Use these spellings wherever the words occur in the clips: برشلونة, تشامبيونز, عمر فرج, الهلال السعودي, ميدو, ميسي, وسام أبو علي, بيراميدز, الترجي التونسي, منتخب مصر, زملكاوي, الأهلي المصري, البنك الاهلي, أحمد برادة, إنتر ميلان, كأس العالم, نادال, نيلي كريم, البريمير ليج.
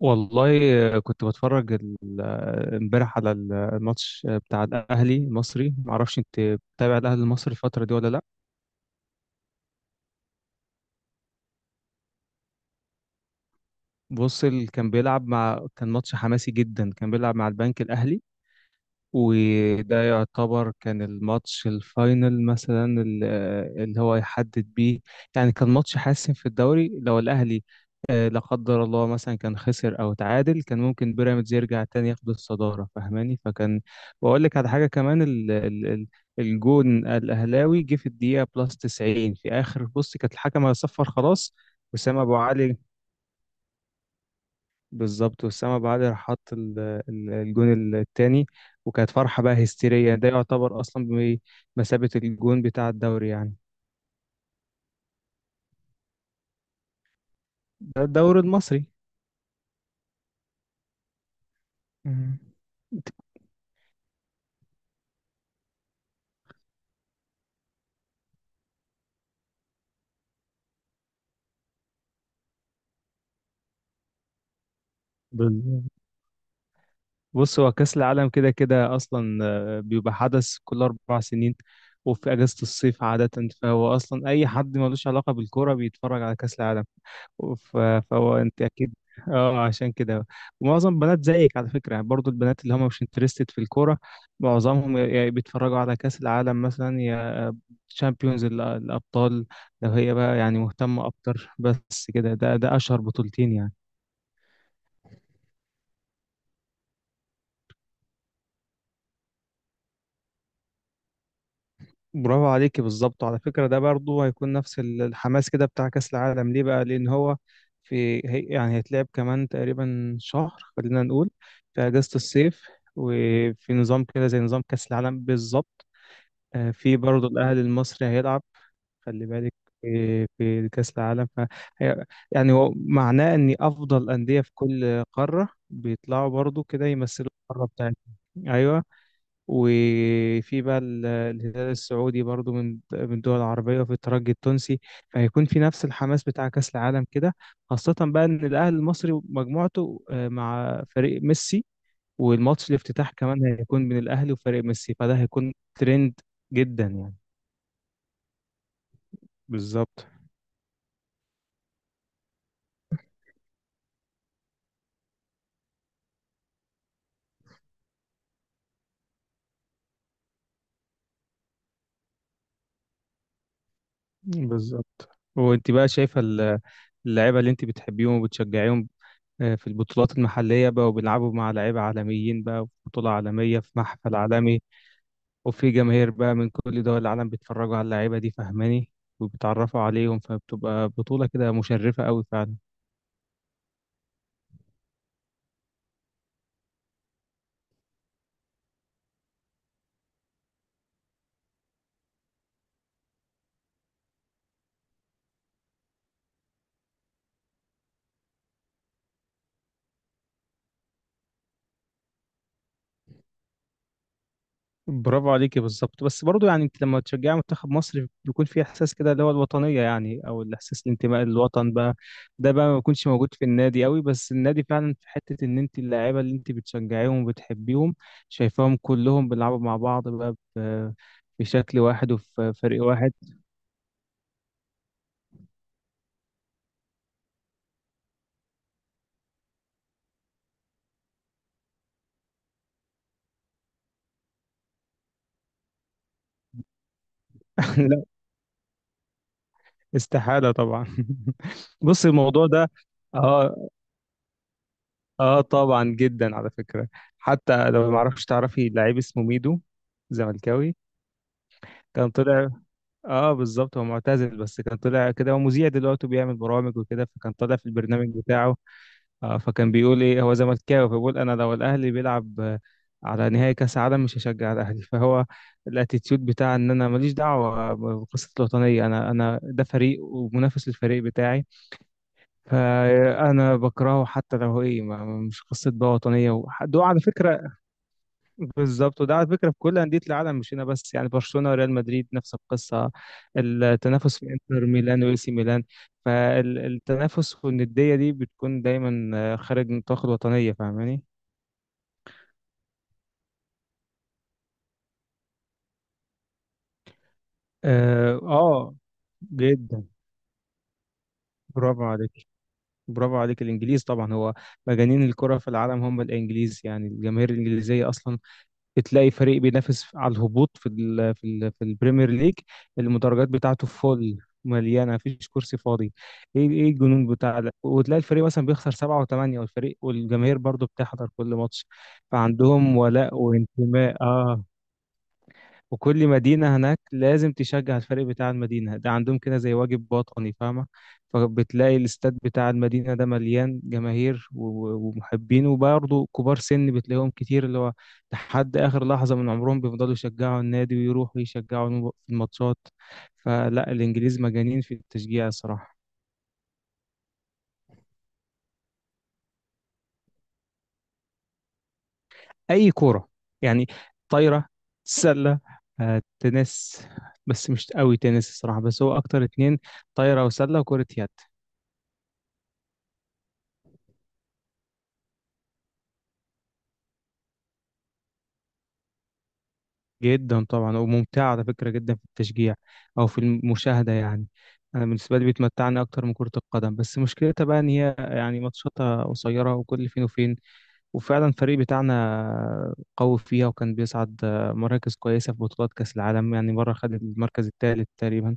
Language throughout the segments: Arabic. والله كنت بتفرج امبارح على الماتش بتاع الاهلي المصري. معرفش انت بتابع الاهلي المصري الفتره دي ولا لا. بص، ال- كان بيلعب مع كان ماتش حماسي جدا. كان بيلعب مع البنك الاهلي، وده يعتبر كان الماتش الفاينل مثلا، اللي هو يحدد بيه يعني. كان ماتش حاسم في الدوري، لو الأهلي لا قدر الله مثلا كان خسر أو تعادل، كان ممكن بيراميدز يرجع تاني ياخد الصدارة، فاهماني؟ فكان. وأقول لك على حاجة كمان، ال الجون الأهلاوي جه في الدقيقة بلس 90، في آخر، بص كانت الحكم هيصفر خلاص. وسام أبو علي، بالظبط، وأسامة أبو علي راح حط الجون التاني، وكانت فرحة بقى هستيرية. ده يعتبر أصلا بمثابة الجون بتاع الدوري يعني. ده الدوري المصري. مم. بال- بص، هو كأس العالم كده كده أصلا بيبقى حدث كل 4 سنين، وفي أجازة الصيف عادة. فهو أصلا أي حد ملوش علاقة بالكورة بيتفرج على كأس العالم. ف- فهو أنت أكيد اه، عشان كده. ومعظم بنات زيك على فكرة، يعني برضو البنات اللي هم مش انترستد في الكورة، معظمهم يا بيتفرجوا على كأس العالم مثلا، يا تشامبيونز الأبطال لو هي بقى يعني مهتمة أكتر. بس كده، ده أشهر بطولتين يعني. برافو عليكي، بالظبط. على فكرة ده برضه هيكون نفس الحماس كده بتاع كأس العالم، ليه بقى؟ لأن هو في، هي يعني هيتلعب كمان تقريبا شهر خلينا نقول، في أجازة الصيف. وفي نظام كده زي نظام كأس العالم بالظبط. في برضه الأهلي المصري هيلعب، خلي بالك، في كأس العالم. ف هي- يعني هو معناه إن أفضل أندية في كل قارة بيطلعوا برضه كده يمثلوا القارة بتاعتهم، أيوه. وفي بقى الهلال السعودي برضو، من الدول العربية، وفي الترجي التونسي. فهيكون في نفس الحماس بتاع كأس العالم كده، خاصة بقى إن الأهلي المصري مجموعته مع فريق ميسي. والماتش الافتتاح كمان هيكون من الأهلي وفريق ميسي، فده هيكون ترند جدا يعني. بالظبط. بالظبط. وانت بقى شايفة اللعيبة اللي انت بتحبيهم وبتشجعيهم في البطولات المحلية بقى، وبيلعبوا مع لعيبة عالميين بقى، في بطولة عالمية، في محفل عالمي. وفي جماهير بقى من كل دول العالم بيتفرجوا على اللعيبة دي، فاهماني، وبيتعرفوا عليهم. فبتبقى بطولة كده مشرفة قوي فعلا. برافو عليكي بالظبط. بس برضو يعني انت لما تشجعي منتخب مصر بيكون في احساس كده اللي هو الوطنية يعني، او الاحساس، الانتماء للوطن بقى. ده بقى ما بيكونش موجود في النادي قوي. بس النادي فعلا في حتة، ان انت اللاعيبة اللي انت بتشجعيهم وبتحبيهم شايفاهم كلهم بيلعبوا مع بعض بقى بشكل واحد وفي فريق واحد. استحالة طبعا. بص الموضوع ده، اه، اه طبعا جدا على فكرة. حتى لو، ما اعرفش تعرفي لعيب اسمه ميدو، زملكاوي. كان طلع، اه بالظبط، هو معتزل بس كان طلع كده، هو مذيع دلوقتي وبيعمل برامج وكده. فكان طالع في البرنامج بتاعه، آه، فكان بيقول ايه، هو زملكاوي فبيقول انا لو الاهلي بيلعب على نهائي كاس عالم مش هشجع الاهلي. فهو الاتيتيود بتاع ان انا ماليش دعوة بقصة الوطنية، انا ده فريق ومنافس للفريق بتاعي فأنا بكرهه، حتى لو هو ايه، مش قصة بقى وطنية ده على فكرة بالظبط. وده على فكرة في كل أندية العالم مش هنا بس، يعني برشلونة وريال مدريد نفس القصة، التنافس في انتر ميلان وإي سي ميلان. فالتنافس والندية دي بتكون دايما خارج نطاق الوطنية، فاهماني؟ اه جدا. برافو عليك. برافو عليك. الإنجليز طبعا، هو مجانين الكرة في العالم هم الإنجليز يعني. الجماهير الإنجليزية أصلا بتلاقي فريق بينافس على الهبوط في ال في ال في البريمير ليج، المدرجات بتاعته فول، مليانه، مفيش كرسي فاضي، ايه الجنون بتاع ده. وتلاقي الفريق مثلا بيخسر 7 و8، والفريق والجماهير برضو بتحضر كل ماتش. فعندهم ولاء وانتماء، اه. وكل مدينة هناك لازم تشجع الفريق بتاع المدينة ده، عندهم كده زي واجب باطني، فاهمة؟ فبتلاقي الاستاد بتاع المدينة ده مليان جماهير ومحبين، وبرضه كبار سن بتلاقيهم كتير اللي هو لحد آخر لحظة من عمرهم بيفضلوا يشجعوا النادي ويروحوا يشجعوا في الماتشات. فلا، الإنجليز مجانين في التشجيع الصراحة. أي كورة يعني، طايرة، سلة، تنس، بس مش قوي تنس الصراحة. بس هو أكتر اتنين، طايرة وسلة وكرة يد. جدا طبعا، وممتعة على فكرة جدا في التشجيع أو في المشاهدة يعني. أنا بالنسبة لي بتمتعني أكتر من كرة القدم، بس مشكلتها بقى إن هي يعني ماتشاتها قصيرة وكل فين وفين. وفعلا الفريق بتاعنا قوي فيها، وكان بيصعد مراكز كويسة في بطولات كأس العالم، يعني مرة خد المركز الثالث تقريبا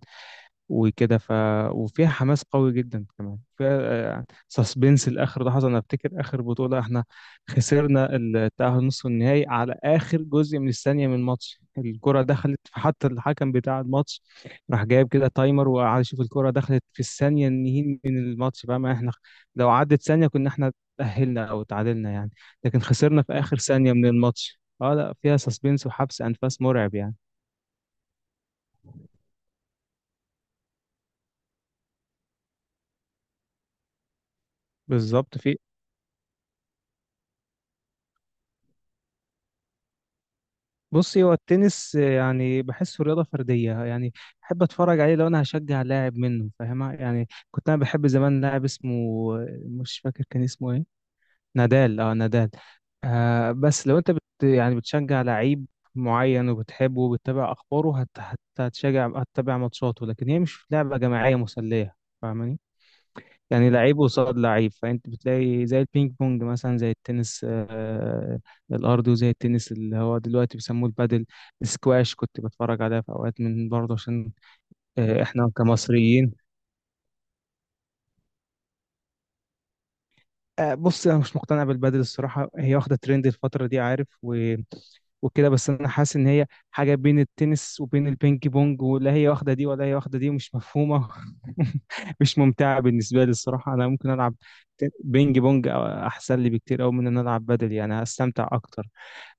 وكده. ف وفيها حماس قوي جدا كمان، فيها سسبنس لاخر لحظه. انا افتكر اخر بطوله احنا خسرنا التاهل نصف النهائي على اخر جزء من الثانيه من الماتش. الكره دخلت، حتى الحكم بتاع الماتش راح جايب كده تايمر وقعد يشوف الكره دخلت في الثانيه النهائي من الماتش بقى. ما احنا لو عدت ثانيه كنا احنا تاهلنا او تعادلنا يعني. لكن خسرنا في اخر ثانيه من الماتش. اه لا، فيها سسبنس وحبس انفاس مرعب يعني. بالظبط. في، بصي هو التنس يعني بحسه رياضة فردية يعني. بحب اتفرج عليه لو انا هشجع لاعب منه، فاهمة يعني. كنت انا بحب زمان لاعب اسمه مش فاكر كان اسمه ايه، نادال، اه نادال. آه بس لو انت بت يعني بتشجع لعيب معين وبتحبه وبتتابع اخباره هتشجع، هتتابع ماتشاته. لكن هي مش لعبة جماعية مسلية، فاهماني؟ يعني لعيب قصاد لعيب. فانت بتلاقي زي البينج بونج مثلا، زي التنس الارضي، وزي التنس اللي هو دلوقتي بيسموه البادل. سكواش كنت بتفرج عليها في اوقات، من برضه عشان احنا كمصريين. بص انا مش مقتنع بالبدل الصراحه. هي واخده ترند الفتره دي، عارف، و... وكده. بس انا حاسس ان هي حاجه بين التنس وبين البينج بونج، ولا هي واخده دي ولا هي واخده دي، مش مفهومه. مش ممتعه بالنسبه لي الصراحه. انا ممكن العب بينج بونج أو، احسن لي بكتير قوي من ان انا العب بدل يعني، هستمتع اكتر.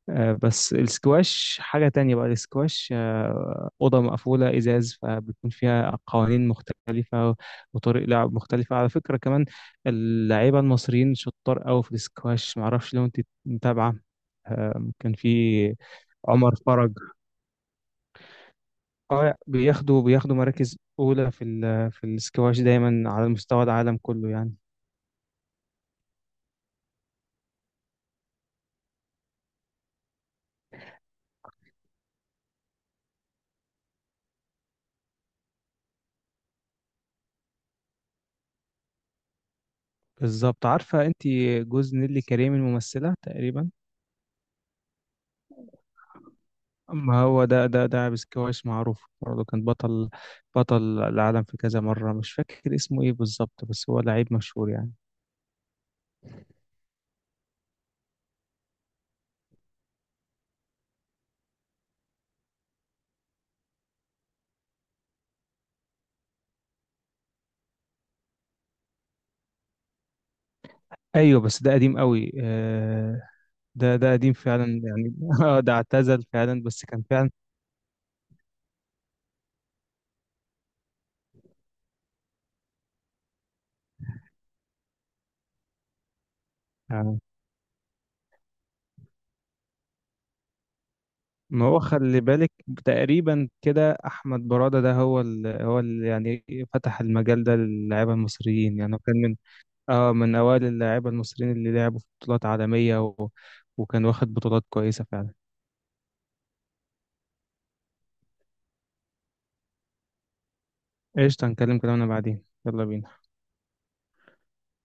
بس السكواش حاجة تانية بقى. السكواش أوضة مقفولة إزاز، فبيكون فيها قوانين مختلفة وطريق لعب مختلفة على فكرة كمان. اللعيبة المصريين شطار أوي في السكواش، معرفش لو أنت متابعة. كان في عمر فرج، اه. بياخدوا مراكز أولى في السكواش دايما على مستوى العالم كله يعني. بالظبط. عارفة أنت جوز نيلي كريم الممثلة تقريبا؟ ما هو ده، ده عابس، كويس معروف برضه، كان بطل، بطل العالم في كذا مرة. مش فاكر اسمه ايه بالظبط، بس هو لعيب مشهور يعني. ايوه بس ده قديم قوي ده قديم فعلا يعني. ده اعتزل فعلا، بس كان فعلا آه، ما هو خلي بالك، تقريبا كده احمد برادة ده هو ال هو ال يعني فتح المجال ده للاعيبه المصريين يعني. هو كان من، اه من اوائل اللاعيبه المصريين اللي لعبوا في بطولات عالميه، و وكان واخد بطولات كويسه فعلا. قشطة، هنكلم كلامنا بعدين، يلا بينا.